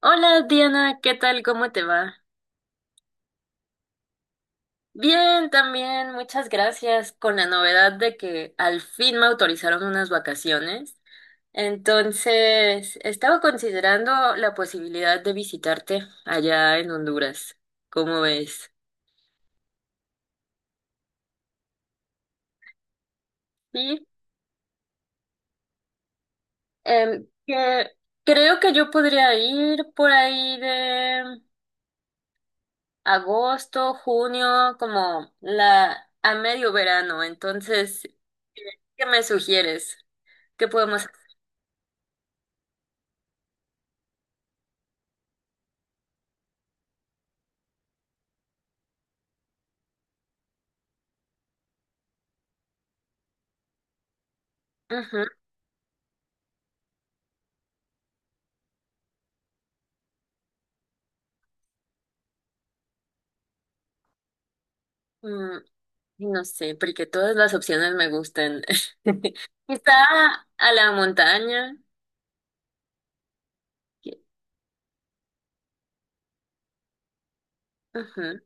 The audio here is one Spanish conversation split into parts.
Hola Diana, ¿qué tal? ¿Cómo te va? Bien, también, muchas gracias. Con la novedad de que al fin me autorizaron unas vacaciones. Entonces, estaba considerando la posibilidad de visitarte allá en Honduras. ¿Cómo ves? Sí, que creo que yo podría ir por ahí de agosto, junio, como la a medio verano. Entonces, ¿qué me sugieres? ¿Qué podemos ajá, mm, no sé, porque todas las opciones me gustan. Quizá a la montaña. que- Ajá,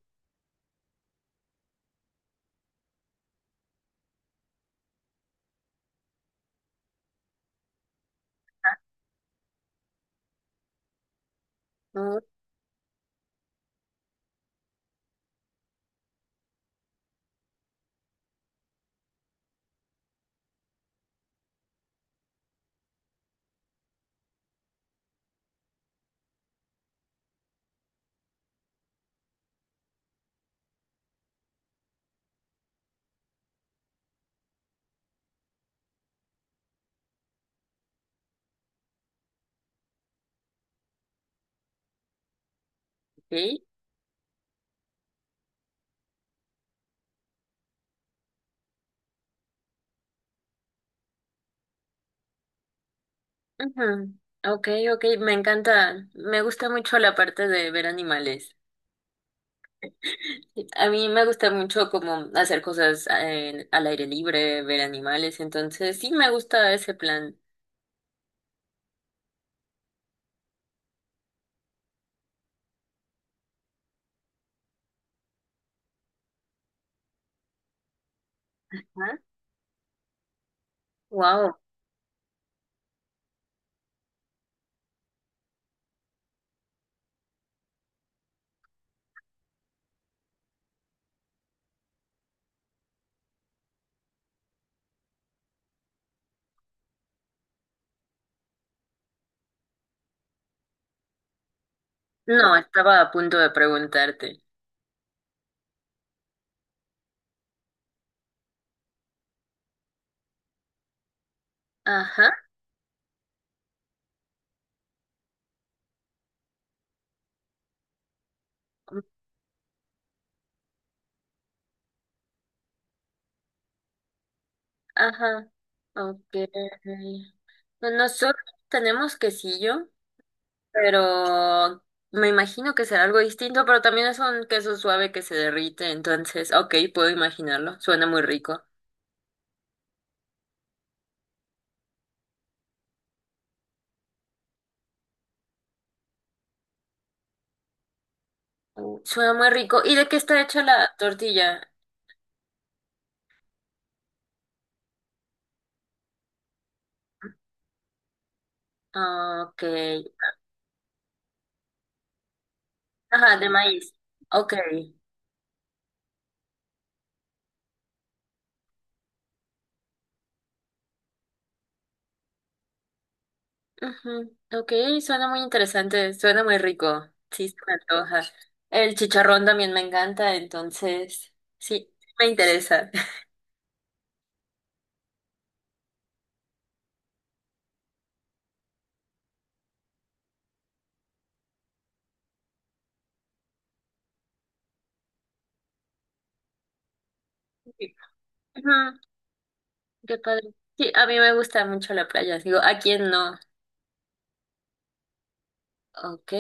ok. Ajá, ok, ok, me encanta. Me gusta mucho la parte de ver animales. Sí, a mí me gusta mucho como hacer cosas al aire libre, ver animales, entonces sí me gusta ese plan. Wow. No, estaba a punto de preguntarte. Ajá. Ajá, ok. Pues nosotros tenemos quesillo, pero me imagino que será algo distinto, pero también es un queso suave que se derrite, entonces, ok, puedo imaginarlo, suena muy rico. Mm. Suena muy rico. ¿Y de qué está hecha la tortilla? Ah, ok. Ajá, de maíz. Ok. Ujú, ok, suena muy interesante, suena muy rico. Sí, se me antoja. El chicharrón también me encanta, entonces, sí, me interesa. Ajá, qué padre. Sí, a mí me gusta mucho la playa. Digo, ¿a quién no? Ok,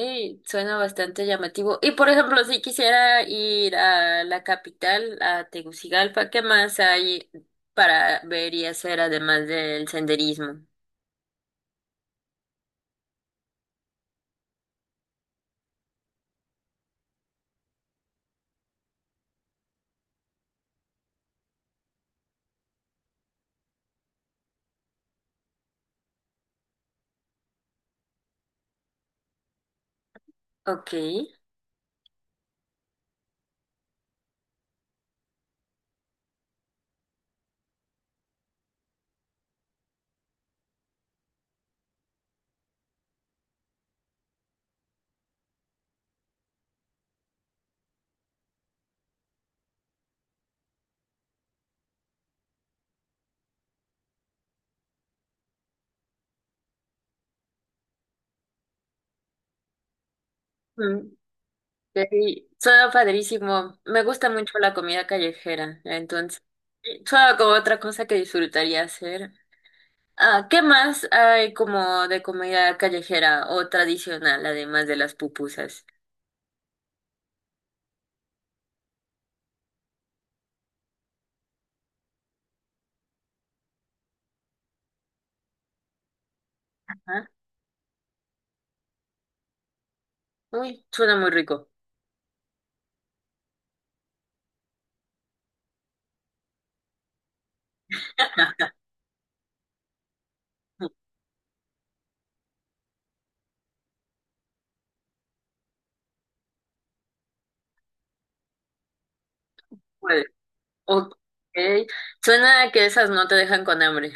suena bastante llamativo. Y por ejemplo, si quisiera ir a la capital, a Tegucigalpa, ¿qué más hay para ver y hacer además del senderismo? Ok. Mm, sí, suena padrísimo. Me gusta mucho la comida callejera, entonces. Suena como otra cosa que disfrutaría hacer. Ah, ¿qué más hay como de comida callejera o tradicional, además de las pupusas? Ajá. Uy, suena muy rico. Puede. Ok. Suena a que esas no te dejan con hambre.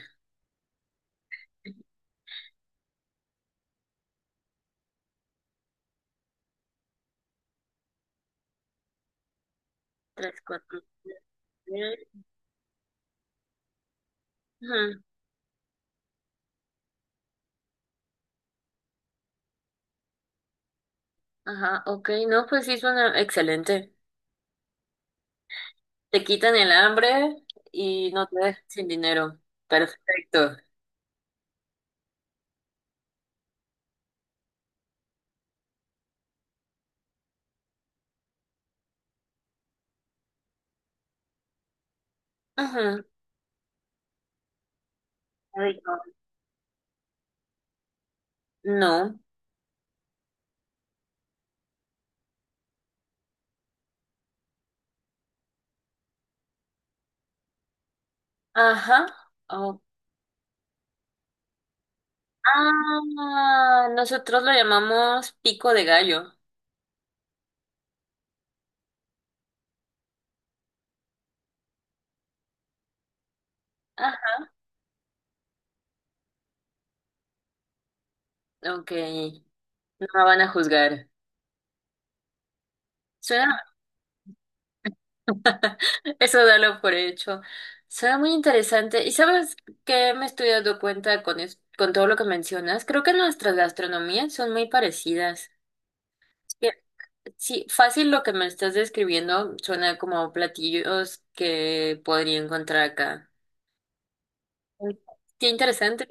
Tres, cuatro. Siete. Ujú. Ajá, ok. No, pues sí, suena excelente. Te quitan el hambre y no te dejan sin dinero. Perfecto. Ujú. Rico. No. No. Ajá. Ok. Ah, nosotros lo llamamos pico de gallo. Ah, ok, no me van a juzgar. Suena, eso dalo por hecho. Suena muy interesante. ¿Y sabes qué me estoy dando cuenta con, con todo lo que mencionas? Creo que nuestras gastronomías son muy parecidas. Que, sí, fácil lo que me estás describiendo suena como platillos que podría encontrar acá. Qué interesante.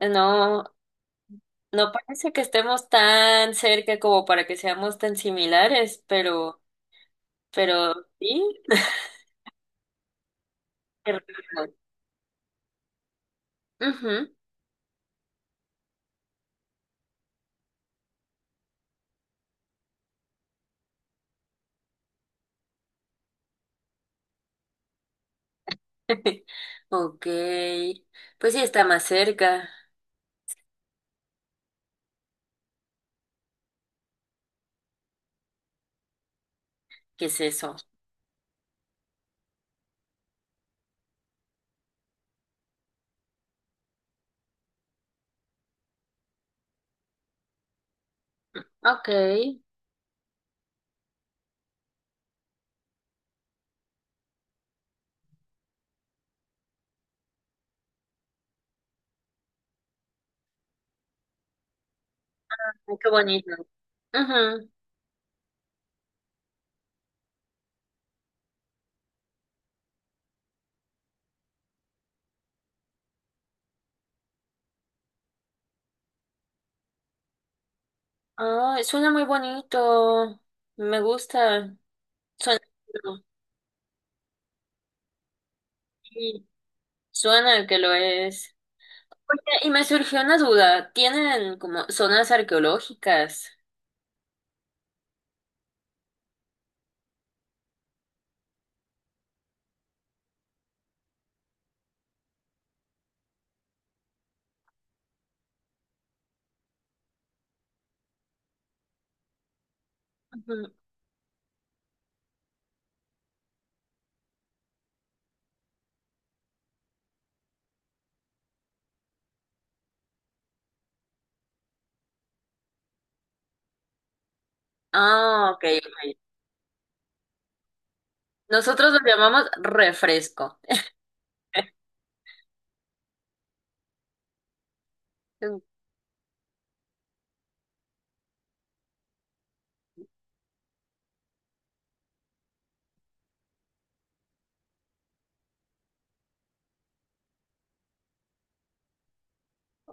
No, no parece que estemos tan cerca como para que seamos tan similares, pero sí. Qué raro. Ujú. Ok. Pues sí está más cerca. ¿Qué es eso? Ok. Ay, qué bonito. Ujú. Ah, suena muy bonito. Me gusta. Suena, sí, suena que lo es. Oye, y me surgió una duda. ¿Tienen como zonas arqueológicas? Ujú. Ah, ok, ok. Nosotros lo llamamos refresco. Mm,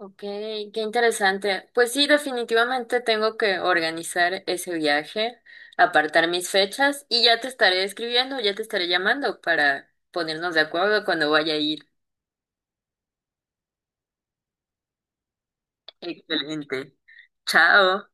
ok, qué interesante. Pues sí, definitivamente tengo que organizar ese viaje, apartar mis fechas y ya te estaré escribiendo, ya te estaré llamando para ponernos de acuerdo cuando vaya a ir. Excelente. Chao.